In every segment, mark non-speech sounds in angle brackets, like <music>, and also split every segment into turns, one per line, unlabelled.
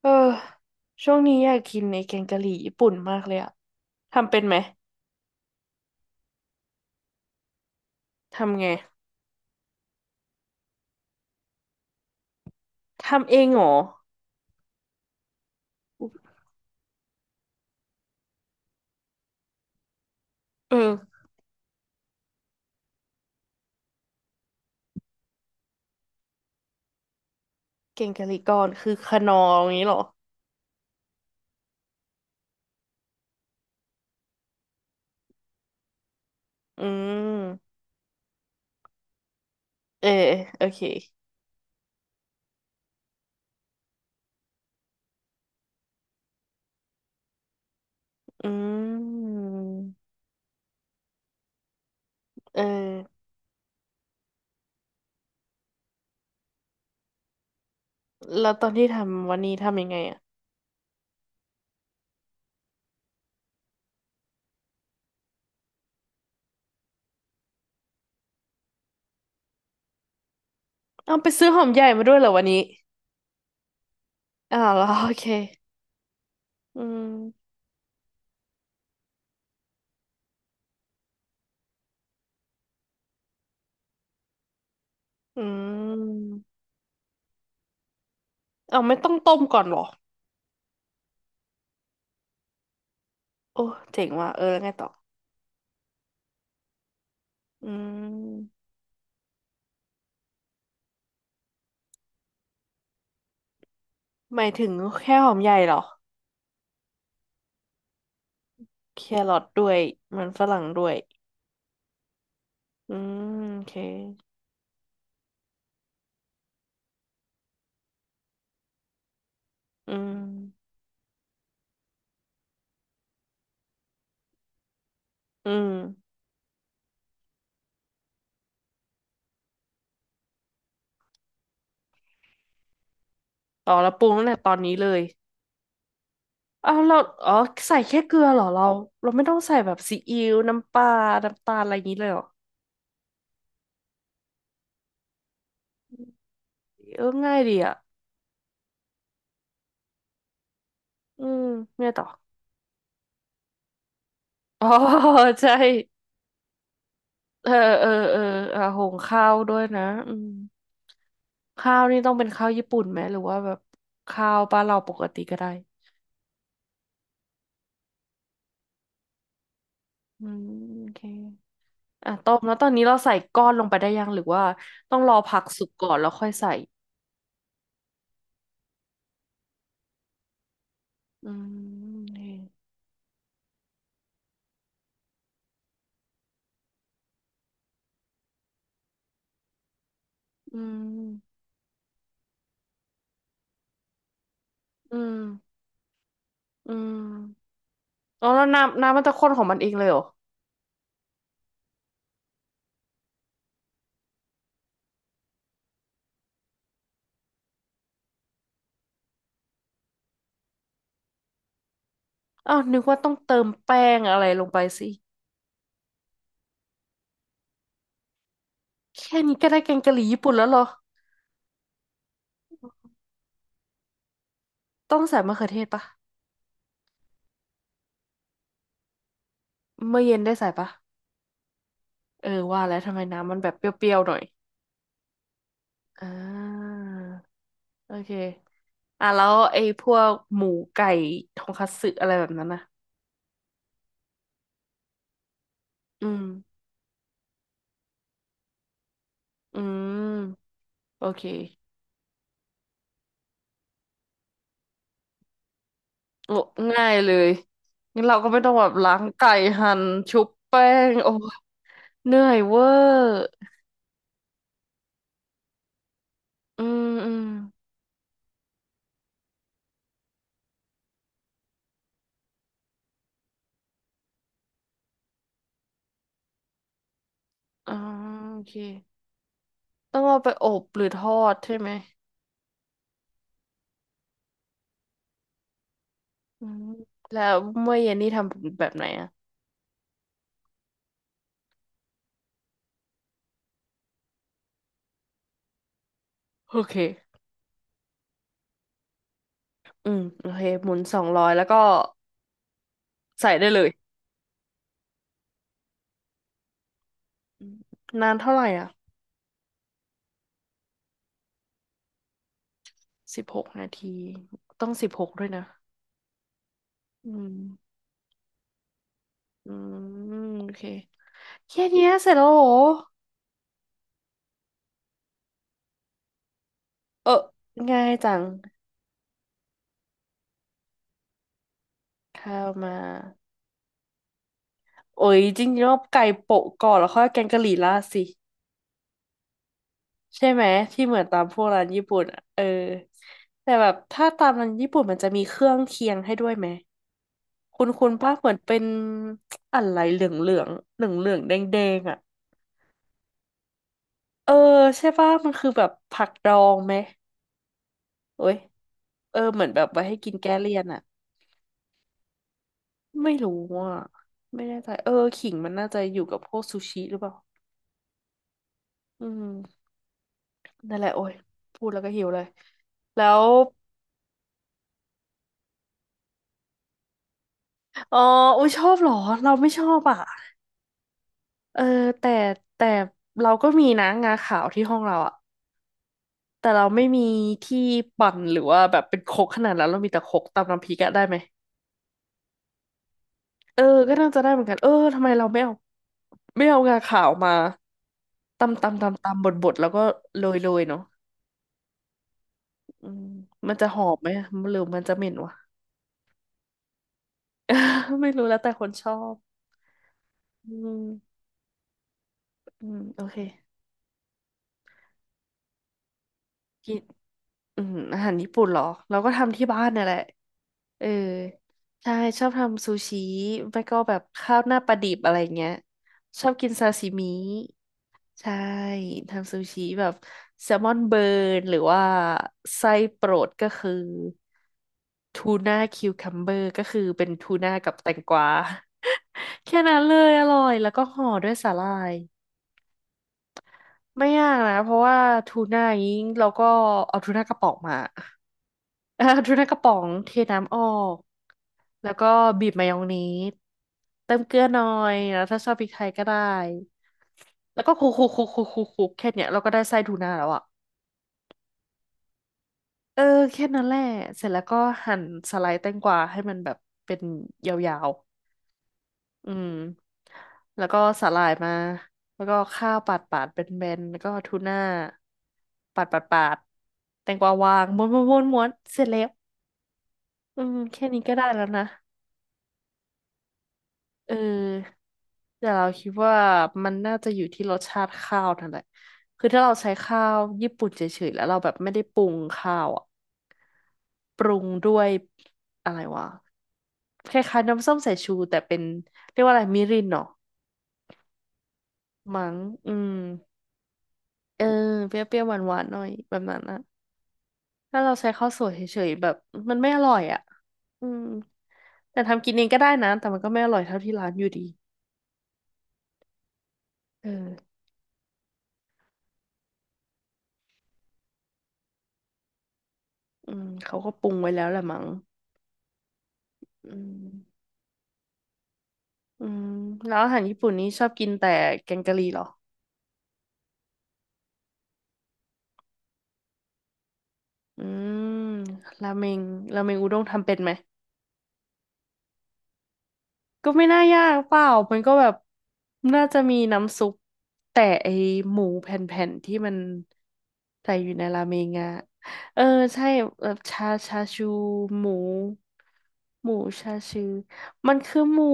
เออช่วงนี้อยากกินไอ้แกงกะหรี่ญี่ปุ่นมากเลยอะทำเป็นไหม ทำไง ทำเองเหรออเออแกงกะหรี่ก้อนคือขนองอย่างนี้เหรอ อืม เออโอเคอืมเออแล้วตอนที่ทำวันนี้ทำยังไงอะเอาไปซื้อหอมใหญ่มาด้วยเหรอวันนี้อ้าวแล้วโอเคอืมอืมเอาไม่ต้องต้มก่อนเหรอโอ้เจ๋งว่ะเออแล้วไงต่ออืมหมายถึงแค่หอมใหญ่เหรอ แครอทด้วยมันฝรั่งด้วยอืมโอเคอืมอืมต่อแล้วปรุงตั้งแต่ตอนนี้เลยอ้าวเราอ๋อใส่แค่เกลือเหรอเราเราไม่ต้องใส่แบบซีอิ๊วน้ำปลาน้ำตาลอะไรอย่างนี้เลยเหรอเออง่ายดีอ่ะอืมเนี่ยต่ออ๋อใช่เออเออเอออ่ะหุงข้าวด้วยนะอืมข้าวนี่ต้องเป็นข้าวญี่ปุ่นไหมหรือว่าแบบข้าวบ้านเราปกติก็ได้อืมโอเค อ่ะต้มแล้วตอนนี้เราใส่ก้อนลงไปได้ยังหรือว่าต้องรอผักสุกก่อนแล้วค่อยใส่ อืมนี่อืมอืมอืมอ๋อแล้วน้ำน้ำมันจะข้นของมันเองเลยเหรออ้าวนึกว่าต้องเติมแป้งอะไรลงไปสิแค่นี้ก็ได้แกงกะหรี่ญี่ปุ่นแล้วเหรอต้องใส่มะเขือเทศปะเมื่อเย็นได้ใส่ปะเออว่าแล้วทำไมน้ำมันแบบเปรี้ยวๆหน่อยอ่าโอเคอ่ะแล้วไอ้พวกหมูไก่ทงคัตสึอะไรแบบนั้นนะอืมอืมโอเค โอ้ง่ายเลยงั้นเราก็ไม่ต้องแบบล้างไก่หั่นชุบแป้งโอ้เหนื่อยเวอร์อืมอืมอ่าโอเคต้องเอาไปอบหรือทอดใช่ไหมอืมแล้วเมื่อเย็นนี่ทำแบบไหนอะโอเคอืมโอเคหมุน200แล้วก็ใส่ได้เลยอืมนานเท่าไหร่อ่ะ16 นาทีต้องสิบหกด้วยนะอืมอืมโอเคแค่เนี้ยเสร็จแล้วเหรอเออง่ายจังข้าวมา โอ้ยจริงๆว่าไก่โปะก่อนแล้วค่อยแกงกะหรี่ราดสิใช่ไหมที่เหมือนตามพวกร้านญี่ปุ่นอ่ะเออแต่แบบถ้าตามร้านญี่ปุ่นมันจะมีเครื่องเคียงให้ด้วยไหมคุณป้าเหมือนเป็นอะไรเหลืองเหลืองเหลืองเหลืองแดงแดงๆอ่ะเออใช่ป่ะมันคือแบบผักดองไหมโอ้ยเออเหมือนแบบไว้ให้กินแก้เลี่ยนอ่ะไม่รู้อ่ะไม่แน่ใจเออขิงมันน่าจะอยู่กับพวกซูชิหรือเปล่าอืมนั่นแหละโอ้ยพูดแล้วก็หิวเลยแล้ว อ๋ออุ้ยชอบเหรอเราไม่ชอบอ่ะเออแต่แต่เราก็มีนะงาขาวที่ห้องเราอ่ะแต่เราไม่มีที่ปั่นหรือว่าแบบเป็นครกขนาดนั้นเรามีแต่ครกตำน้ำพริกอะได้ไหมเออก็น่าจะได้เหมือนกันเออทำไมเราไม่เอาไม่เอางาขาวมาตำตำตำตำบดบดแล้วก็โรยโรยเนาะอืมมันจะหอมไหมอะหรือมันจะเหม็นวะ <laughs> ไม่รู้แล้วแต่คนชอบอืมอืมโอเคกินอืมอาหารญี่ปุ่นเหรอเราก็ทำที่บ้านเนี่ยแหละ เออใช่ชอบทำซูชิไม่ก็แบบข้าวหน้าปลาดิบอะไรเงี้ยชอบกินซาซิมิใช่ทำซูชิแบบแซลมอนเบิร์นหรือว่าไส้โปรดก็คือทูน่าคิวคัมเบอร์ก็คือเป็นทูน่ากับแตงกวา <laughs> แค่นั้นเลยอร่อยแล้วก็ห่อด้วยสาหร่ายไม่ยากนะเพราะว่าทูน่านี้เราก็เอาทูน่ากระป๋องมา <laughs> เอ่าทูน่ากระป๋องเทน้ำออก แล้วก็บีบมายองเนสเติมเกลือหน่อยแล้วถ้าชอบพริกไทยก็ได้แล้วก็คลุกคลุกคลุกคลุกคลุกคลุกแค่เนี้ยเราก็ได้ไส้ทูน่าแล้วอ่ะเออแค่นั้นแหละเสร็จแล้วก็หั่นสไลด์แตงกวาให้มันแบบเป็นยาวๆอืมแล้วก็สาหร่ายมาแล้วก็ข้าวปาดปาดเป็นแบนๆแล้วก็ทูน่าปาดปาดปาดแตงกวาวางม้วนม้วนม้วนม้วนเสร็จแล้วอืมแค่นี้ก็ได้แล้วนะ เออแต่เราคิดว่ามันน่าจะอยู่ที่รสชาติข้าวนั่นแหละคือถ้าเราใช้ข้าวญี่ปุ่นเฉยๆแล้วเราแบบไม่ได้ปรุงข้าวอ่ะปรุงด้วยอะไรวะคล้ายๆน้ำส้มสายชูแต่เป็นเรียกว่าอะไรมิรินเนาะมั้งอืมเออเปรี้ยวๆหวานๆหน่อยแบบนั้นนะถ้าเราใช้ข้าวสวยเฉยๆแบบมันไม่อร่อยอ่ะอืมแต่ทำกินเองก็ได้นะแต่มันก็ไม่อร่อยเท่าที่ร้านอยู่ดีเอออืมเขาก็ปรุงไว้แล้วแหละมั้งอืม อืมแล้วอาหารญี่ปุ่นนี้ชอบกินแต่แกงกะหรี่เหรอ อืมราเมงราเมงอุด้งทำเป็นไหม ก็ไม่น่ายากเปล่ามันก็แบบน่าจะมีน้ำซุปแต่ไอหมูแผ่นๆที่มันใส่อยู่ในราเมงอะเออใช่แบบชาชูหมูหมูชาชูมันคือหมู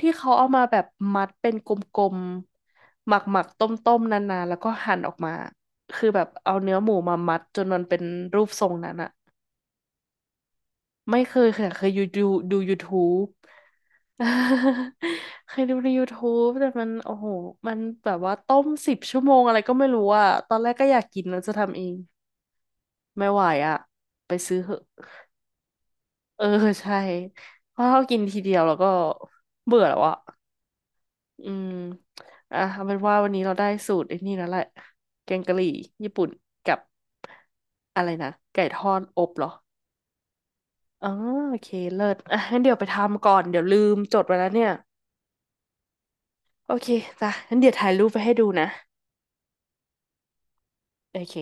ที่เขาเอามาแบบมัดเป็นกลมๆหมักๆต้มๆนานๆแล้วก็หั่นออกมาคือแบบเอาเนื้อหมูมามัดจนมันเป็นรูปทรงนั้นอะ ไม่เคยค่ะเคยอยู่ดู YouTube <laughs> เคยดูใน YouTube แต่มันโอ้โหมันแบบว่าต้ม10 ชั่วโมงอะไรก็ไม่รู้อ่ะตอนแรกก็อยากกินแล้วจะทำเองไม่ไหวอ่ะไปซื้อเหอะเออใช่เพราะเรากินทีเดียวแล้วก็เบื่อแล้วอ่ะอืมอ่ะเอาเป็นว่าวันนี้เราได้สูตรไอ้นี่แล้วแหละแกงกะหรี่ญี่ปุ่นกับอะไรนะไก่ทอดอบเหรออ๋อโอเคเลิศอ่ะงั้นเดี๋ยวไปทำก่อนเดี๋ยวลืมจดไว้แล้วเนี่ย โอเคจ้ะงั้นเดี๋ยวถ่ายรูปไปให้ดูนะ โอเค